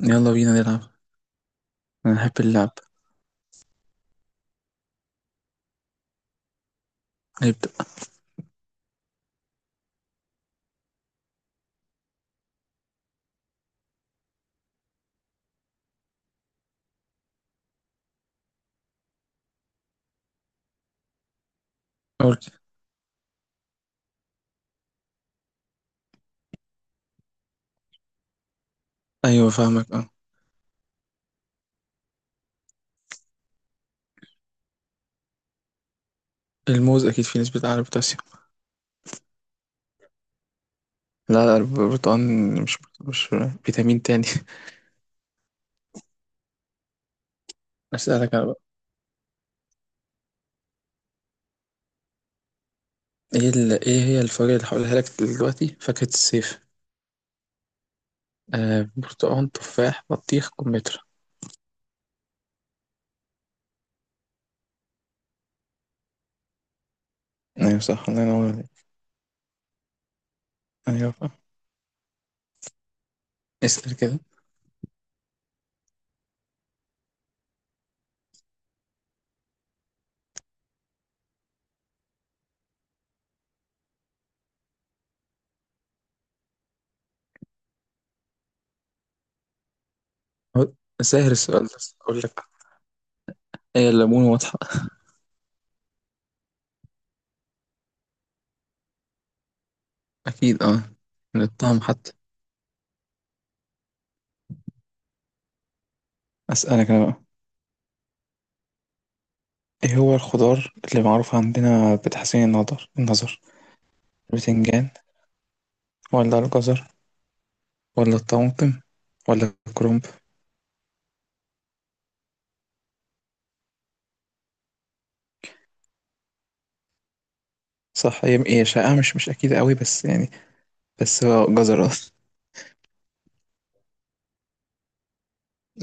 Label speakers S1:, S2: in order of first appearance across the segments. S1: يلا بينا نلعب. انا بحب اللعب. نبدأ. أقول. ايوه، فاهمك، اه. الموز اكيد فيه نسبة اعلى بوتاسيوم. لا، البروتون. مش فيتامين تاني. اسألك انا بقى. ايه هي الفواكه اللي هقولها لك دلوقتي؟ فاكهة الصيف. آه، برتقال، تفاح، بطيخ، كمثرى. ايوه صح، الله ينور عليك. ايوه فاهم. اسأل كده. هو- سهل السؤال ده. اقول لك ايه، الليمون واضحة. اكيد اه، من الطعم حتى. اسألك انا بقى. ايه هو الخضار اللي معروف عندنا بتحسين النظر النظر؟ البتنجان ولا الجزر ولا الطماطم ولا الكرنب؟ صح. هي هي شائعة، مش أكيدة قوي بس يعني. بس هو جزر أصلا.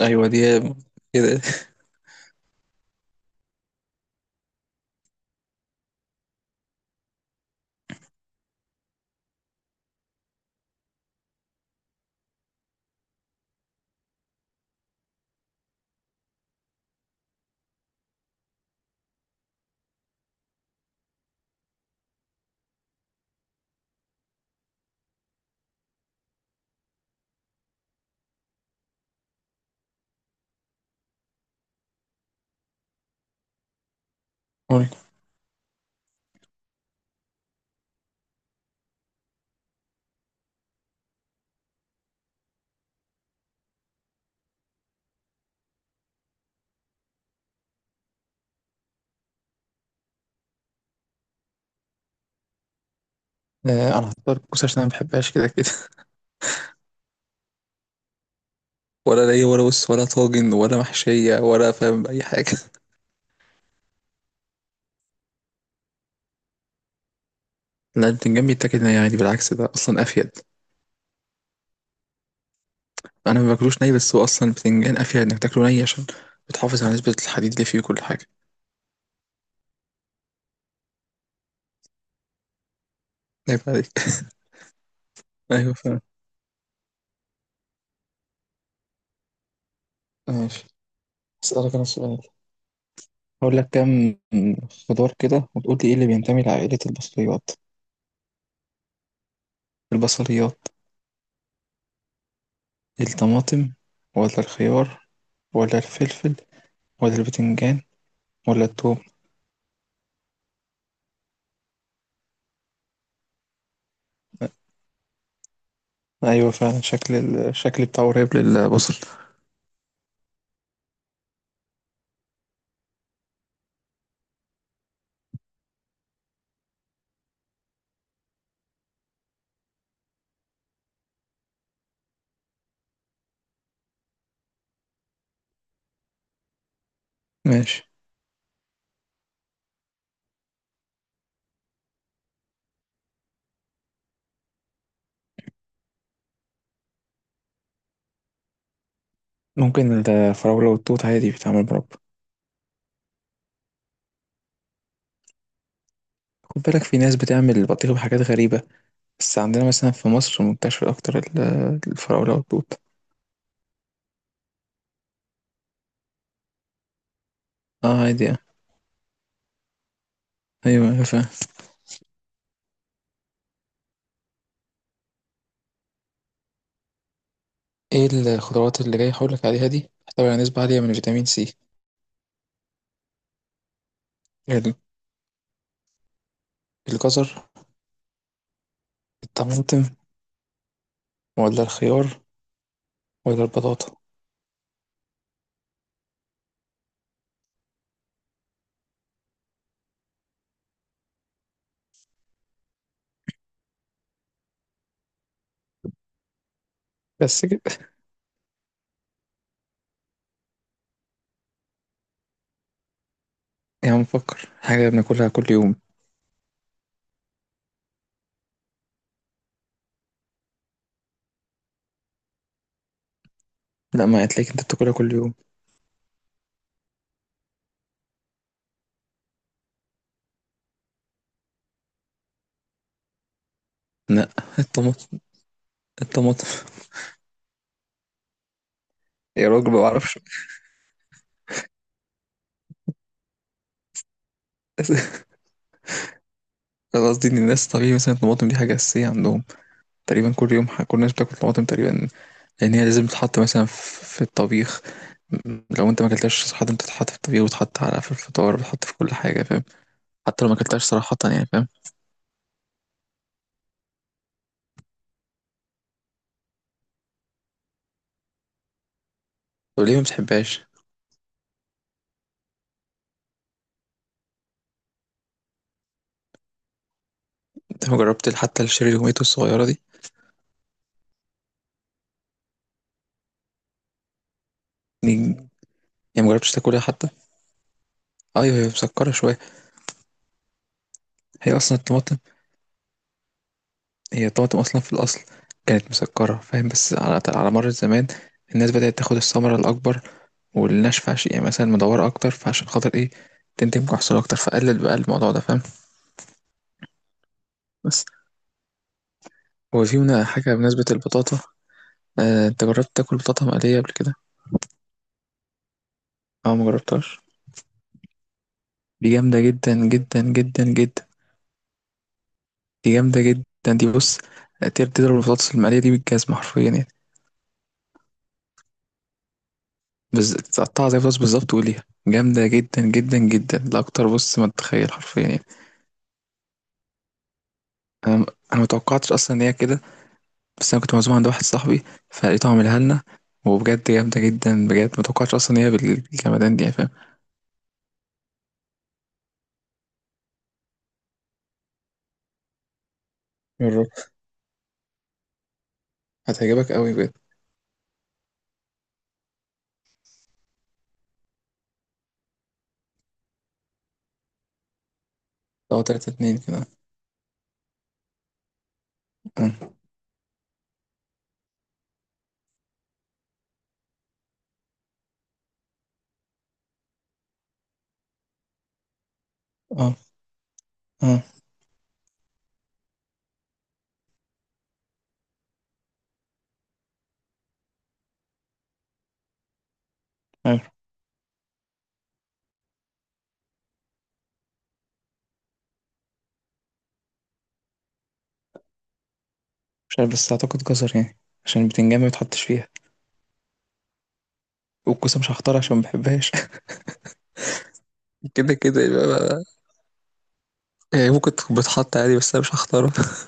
S1: أيوة دي كده. قول. أنا هختار الكوسة عشان أنا مبحبهاش كده كده. ولا ليا ولا بص ولا طاجن ولا محشية، ولا فاهم أي حاجة. لا، البتنجان بيتاكل ني عادي، بالعكس ده أصلا أفيد. أنا ما باكلوش ني، بس هو أصلا البتنجان أفيد إنك تاكله ني عشان بتحافظ على نسبة الحديد اللي فيه وكل حاجة. عيب عليك. أيوة فاهم. ماشي. أسألك أنا سؤال. هقول لك كام خضار كده وتقول لي ايه اللي بينتمي لعائلة البصليات؟ البصليات. الطماطم ولا الخيار ولا الفلفل ولا البتنجان ولا الثوم؟ ايوه فعلا، شكل الشكل بتاعه قريب للبصل. ماشي. ممكن الفراولة والتوت، عادي بيتعمل مربى. خد بالك في ناس بتعمل بطيخ بحاجات غريبة. بس عندنا مثلا في مصر منتشر اكتر الفراولة والتوت. اه عادي آه. ايوه أيوة، فاهم. ايه الخضروات اللي جاي هقول لك عليها دي بتحتوي على نسبة عالية من فيتامين سي؟ الجزر، الطماطم، ولا الخيار ولا البطاطا؟ بس كده. يا عم فكر حاجة بناكلها كل يوم. لا، ما هتلاقيك انت بتاكلها كل يوم. لا، الطماطم، الطماطم. يا راجل ما بعرفش. أنا قصدي ان الناس طبيعي مثلا الطماطم دي حاجة أساسية عندهم. تقريبا كل يوم، كل الناس بتاكل طماطم تقريبا. لأن هي لازم تتحط مثلا في الطبيخ. لو انت ما اكلتهاش صراحة، بتتحط في الطبيخ وتتحط على في الفطار، بتتحط في كل حاجة، فاهم. حتى لو ما اكلتهاش صراحة يعني، فاهم. طب ليه ما بتحبهاش؟ انت ما جربت حتى الشيري الهوميتو الصغيرة دي؟ دي يعني مجربتش تاكلها حتى. ايوه هي مسكره شويه. هي اصلا الطماطم، هي الطماطم اصلا في الاصل كانت مسكره، فاهم. بس على مر الزمان الناس بدات تاخد الثمره الاكبر والناشفه، عشان يعني مثلا مدوره اكتر، فعشان خاطر ايه، تنتج محصول اكتر، فقلل بقى الموضوع ده، فاهم. بس هو في هنا حاجه بمناسبه البطاطا. انت جربت تاكل بطاطا مقليه قبل كده؟ اه مجربتهاش. دي جامده جدا جدا جدا جدا. دي جامده جدا، دي بص تقدر تضرب البطاطس المقليه دي بالجزمه حرفيا يعني. تقطعها زي الفلوس بالظبط، وقليها جامدة جدا جدا جدا لأكتر بص ما تتخيل، حرفيا يعني. أنا أنا متوقعتش أصلا إن هي كده. بس أنا كنت معزوم عند واحد صاحبي، فلقيته عاملها لنا. وبجد جامدة جدا، بجد متوقعتش أصلا إن هي بالجمدان دي يعني، فاهم. جرب، هتعجبك أوي بجد. لو تلاتة اتنين كده. اه، اه، آه، عارف. مش عارف بس أعتقد جزر يعني، عشان البتنجان ما بتحطش فيها، والكوسة مش هختارها عشان ما بحبهاش. كده كده يبقى يعني ممكن تكون بتحط عادي بس أنا مش هختارها.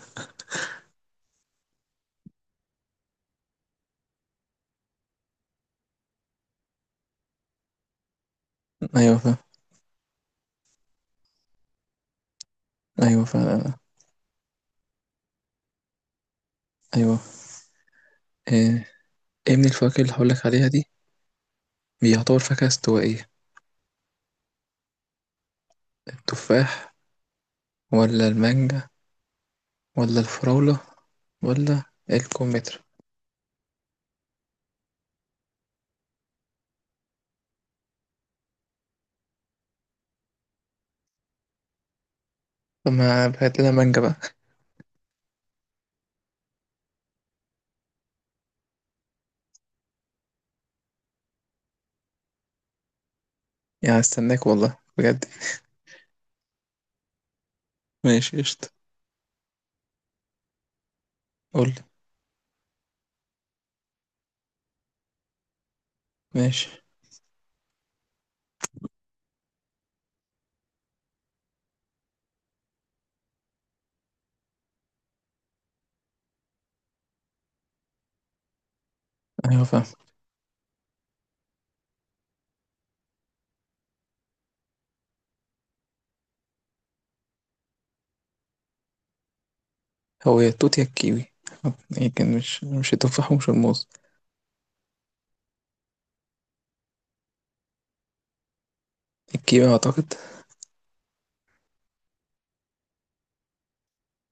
S1: أيوه فاهم. أيوه فاهم. أيوه. إيه. ايه من الفواكه اللي هقولك عليها دي بيعتبر فاكهة استوائية؟ التفاح ولا المانجا ولا الفراولة ولا الكمثرى؟ طب بقت لنا مانجا بقى. يعني استناك والله بجد. ماشي قشطة. قولي. ماشي. ايوه فاهم. هو يا التوت يا الكيوي. يمكن مش التفاح ومش الموز. الكيوي اعتقد.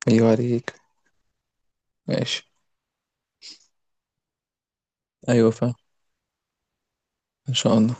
S1: ايوه عليك. ماشي. ايوه فاهم. ان شاء الله.